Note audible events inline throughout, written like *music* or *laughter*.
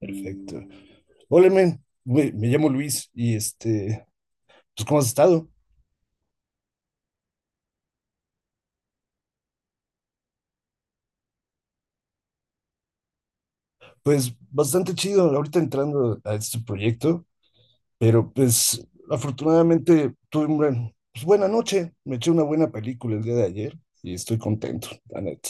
Perfecto. Hola, men. Me llamo Luis y pues, ¿cómo has estado? Pues bastante chido ahorita entrando a este proyecto, pero pues afortunadamente tuve una pues, buena noche. Me eché una buena película el día de ayer y estoy contento, la neta.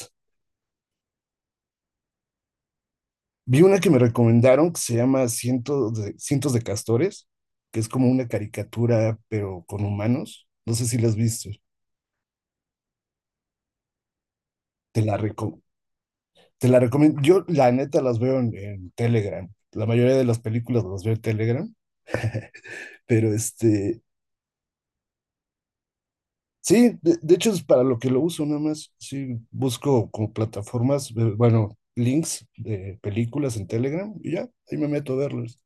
Vi una que me recomendaron que se llama Cientos de Castores, que es como una caricatura, pero con humanos. No sé si la has visto. Te la, reco- Te la recomiendo. Yo, la neta, las veo en, Telegram. La mayoría de las películas las veo en Telegram, pero sí, de hecho es para lo que lo uso nada más. Sí, busco como plataformas, bueno, links de películas en Telegram y ya, ahí me meto a verlos.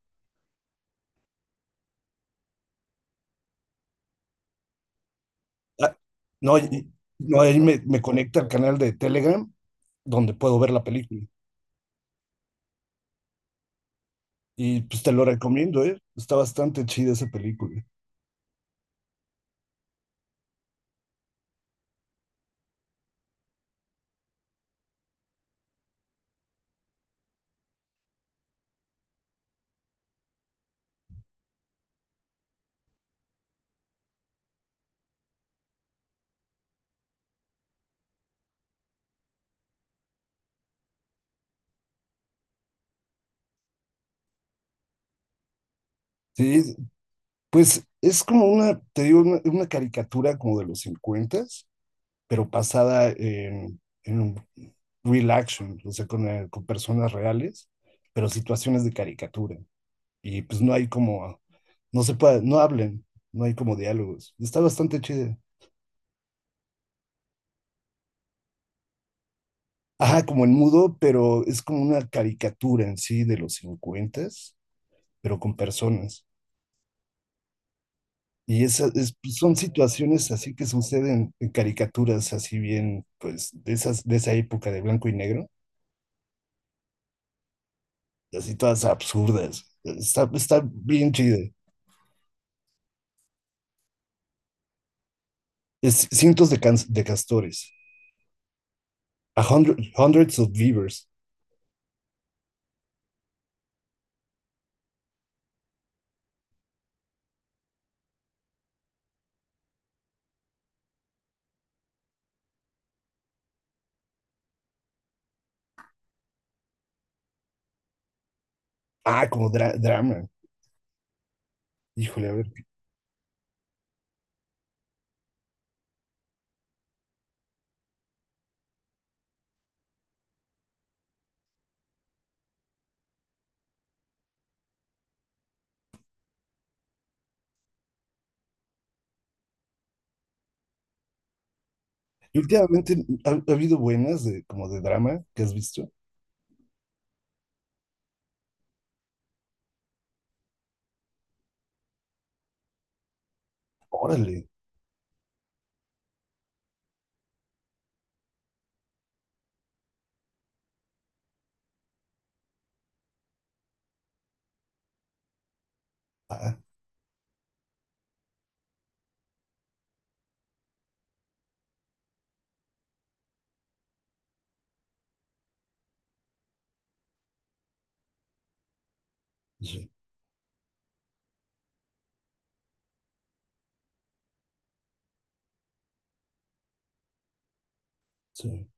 Ah, no, no, ahí me, conecta al canal de Telegram donde puedo ver la película. Y pues te lo recomiendo, ¿eh? Está bastante chida esa película. Sí, pues es como una, te digo, una, caricatura como de los 50, pero basada en real action, o sea, con personas reales, pero situaciones de caricatura. Y pues no hay como, no se puede, no hablen, no hay como diálogos. Está bastante chido. Ajá, como en mudo, pero es como una caricatura en sí de los 50, pero con personas. Y pues, son situaciones así que suceden en caricaturas así bien, pues, de esas, de esa época de blanco y negro, así todas absurdas. Está bien chido. Es cientos de castores. Hundreds of beavers. Ah, como drama. Híjole, a ver. Y últimamente ha habido buenas como de drama que has visto. Órale. Ah, sí, sí.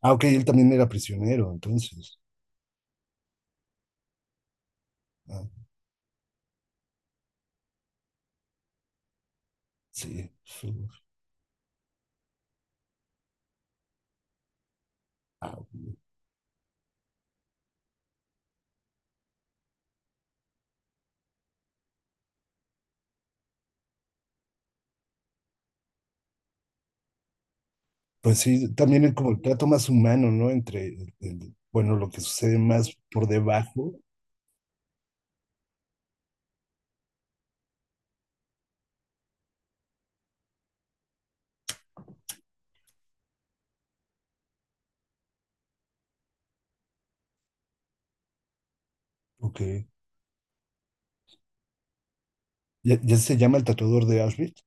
Ah, ok, él también era prisionero, entonces. Ah, sí. Sí. Pues sí, también como el trato más humano, ¿no? Entre, bueno, lo que sucede más por debajo. Ok. ¿Ya se llama el tatuador de Auschwitz?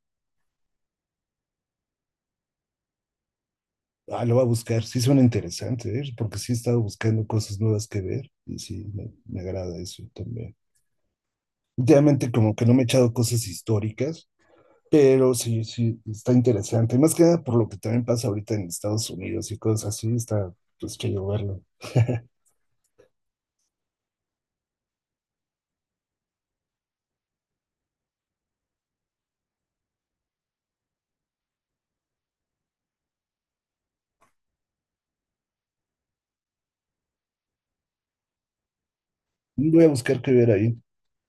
Ah, lo voy a buscar. Sí suena interesante, ¿eh? Porque sí he estado buscando cosas nuevas que ver y sí, me, agrada eso también. Últimamente como que no me he echado cosas históricas, pero sí, sí, está interesante. Más que nada por lo que también pasa ahorita en Estados Unidos y cosas así, está pues chido verlo. *laughs* Voy a buscar qué ver ahí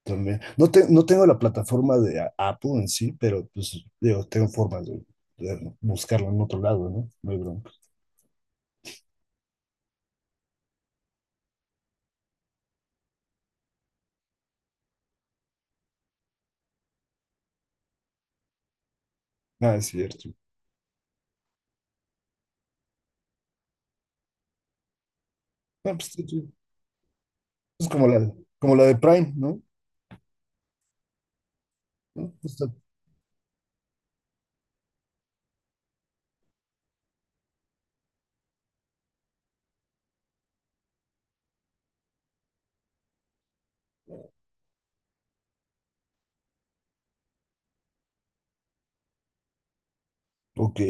también. No, no tengo la plataforma de Apple en sí, pero pues digo, tengo formas de buscarlo en otro lado, ¿no? No hay bronca. Ah, es cierto. Ah, pues, sí, sí. Es como como la de Prime, ¿no? ¿No? Ok.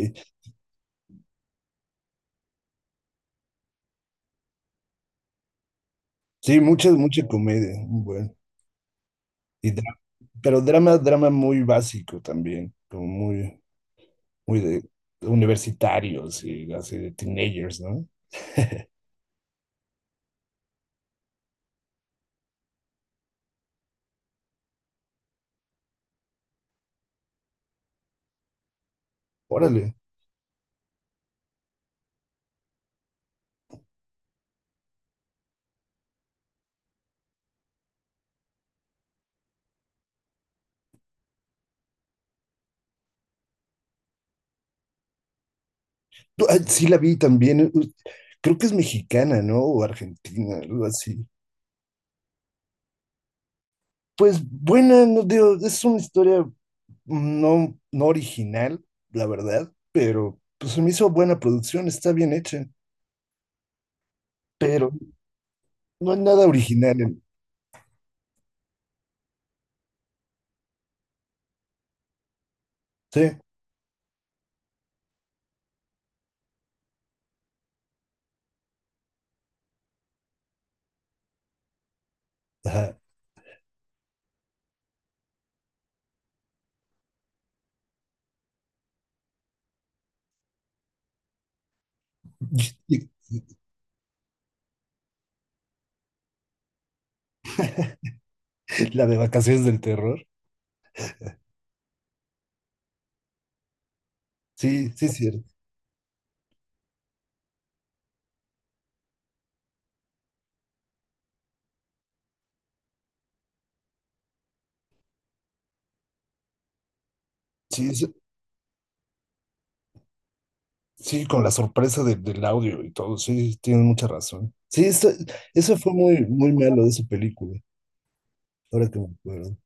Sí, mucha, mucha comedia. Bueno. Y dra- pero drama muy básico también, como muy, muy de universitarios y así de teenagers, ¿no? Órale. Sí la vi también. Creo que es mexicana, ¿no? O argentina, algo así. Pues buena, no digo, es una historia no original, la verdad, pero pues se me hizo buena producción, está bien hecha, pero no es nada original. Sí, ajá. Y la de vacaciones del terror. Sí, sí, es cierto. Sí, sí, sí, con la sorpresa del audio y todo. Sí, tienes mucha razón. Sí, eso fue muy, muy malo de esa película. Ahora que me acuerdo.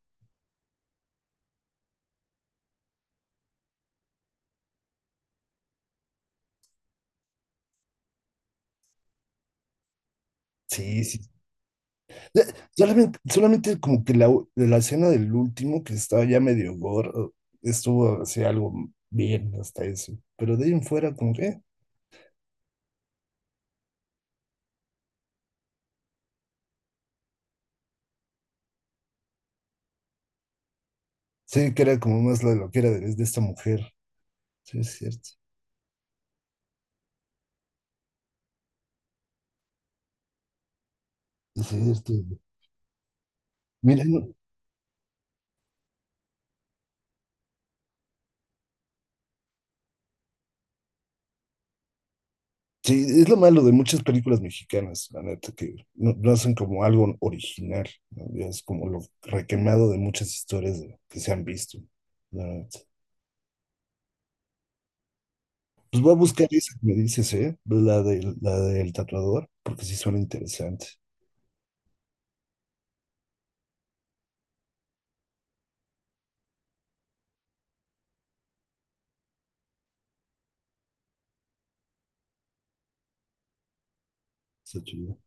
Sí, sí. Ya, solamente como que la escena del último, que estaba ya medio gore, estuvo así algo bien hasta eso. Pero de ahí en fuera, como que. Sí, que era como más la loquera de, esta mujer. Sí, es cierto. Sí, es cierto. Mira, sí, es lo malo de muchas películas mexicanas, la neta, que no hacen como algo original, ¿no? Ya es como lo requemado de muchas historias que se han visto, la neta. Pues voy a buscar esa que me dices, ¿eh? La del tatuador, porque sí suena interesante. Está chido.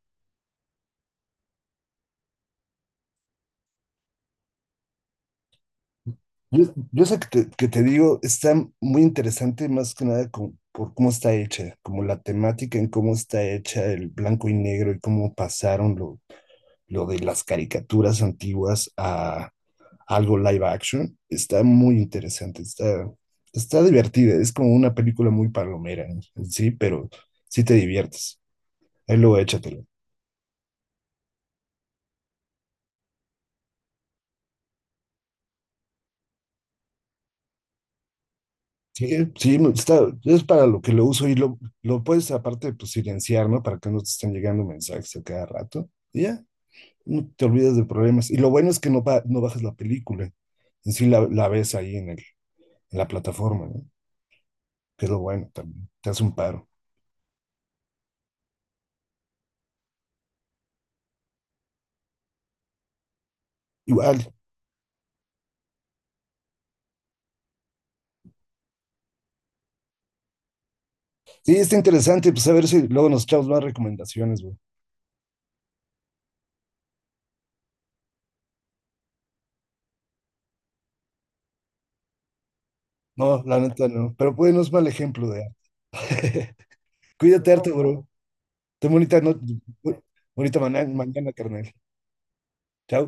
Yo, yo sé que te, digo, está muy interesante más que nada por cómo está hecha, como la temática en cómo está hecha el blanco y negro y cómo pasaron lo de las caricaturas antiguas a algo live action. Está muy interesante, está divertida, es como una película muy palomera en sí, pero sí te diviertes. Ahí luego échatelo. Sí, sí, es para lo que lo uso y lo puedes aparte pues silenciar, ¿no? Para que no te estén llegando mensajes a cada rato. Y ya, no te olvidas de problemas. Y lo bueno es que no bajas la película, en sí la ves ahí en la plataforma, ¿no? Que es lo bueno también, te hace un paro. Igual, sí, está interesante, pues a ver si luego nos echamos más recomendaciones, güey. No, la neta no, pero pues no es mal ejemplo de arte. *laughs* Cuídate, arte, bro. Ten bonita, no, bonita mana- mañana, carnal. Chao.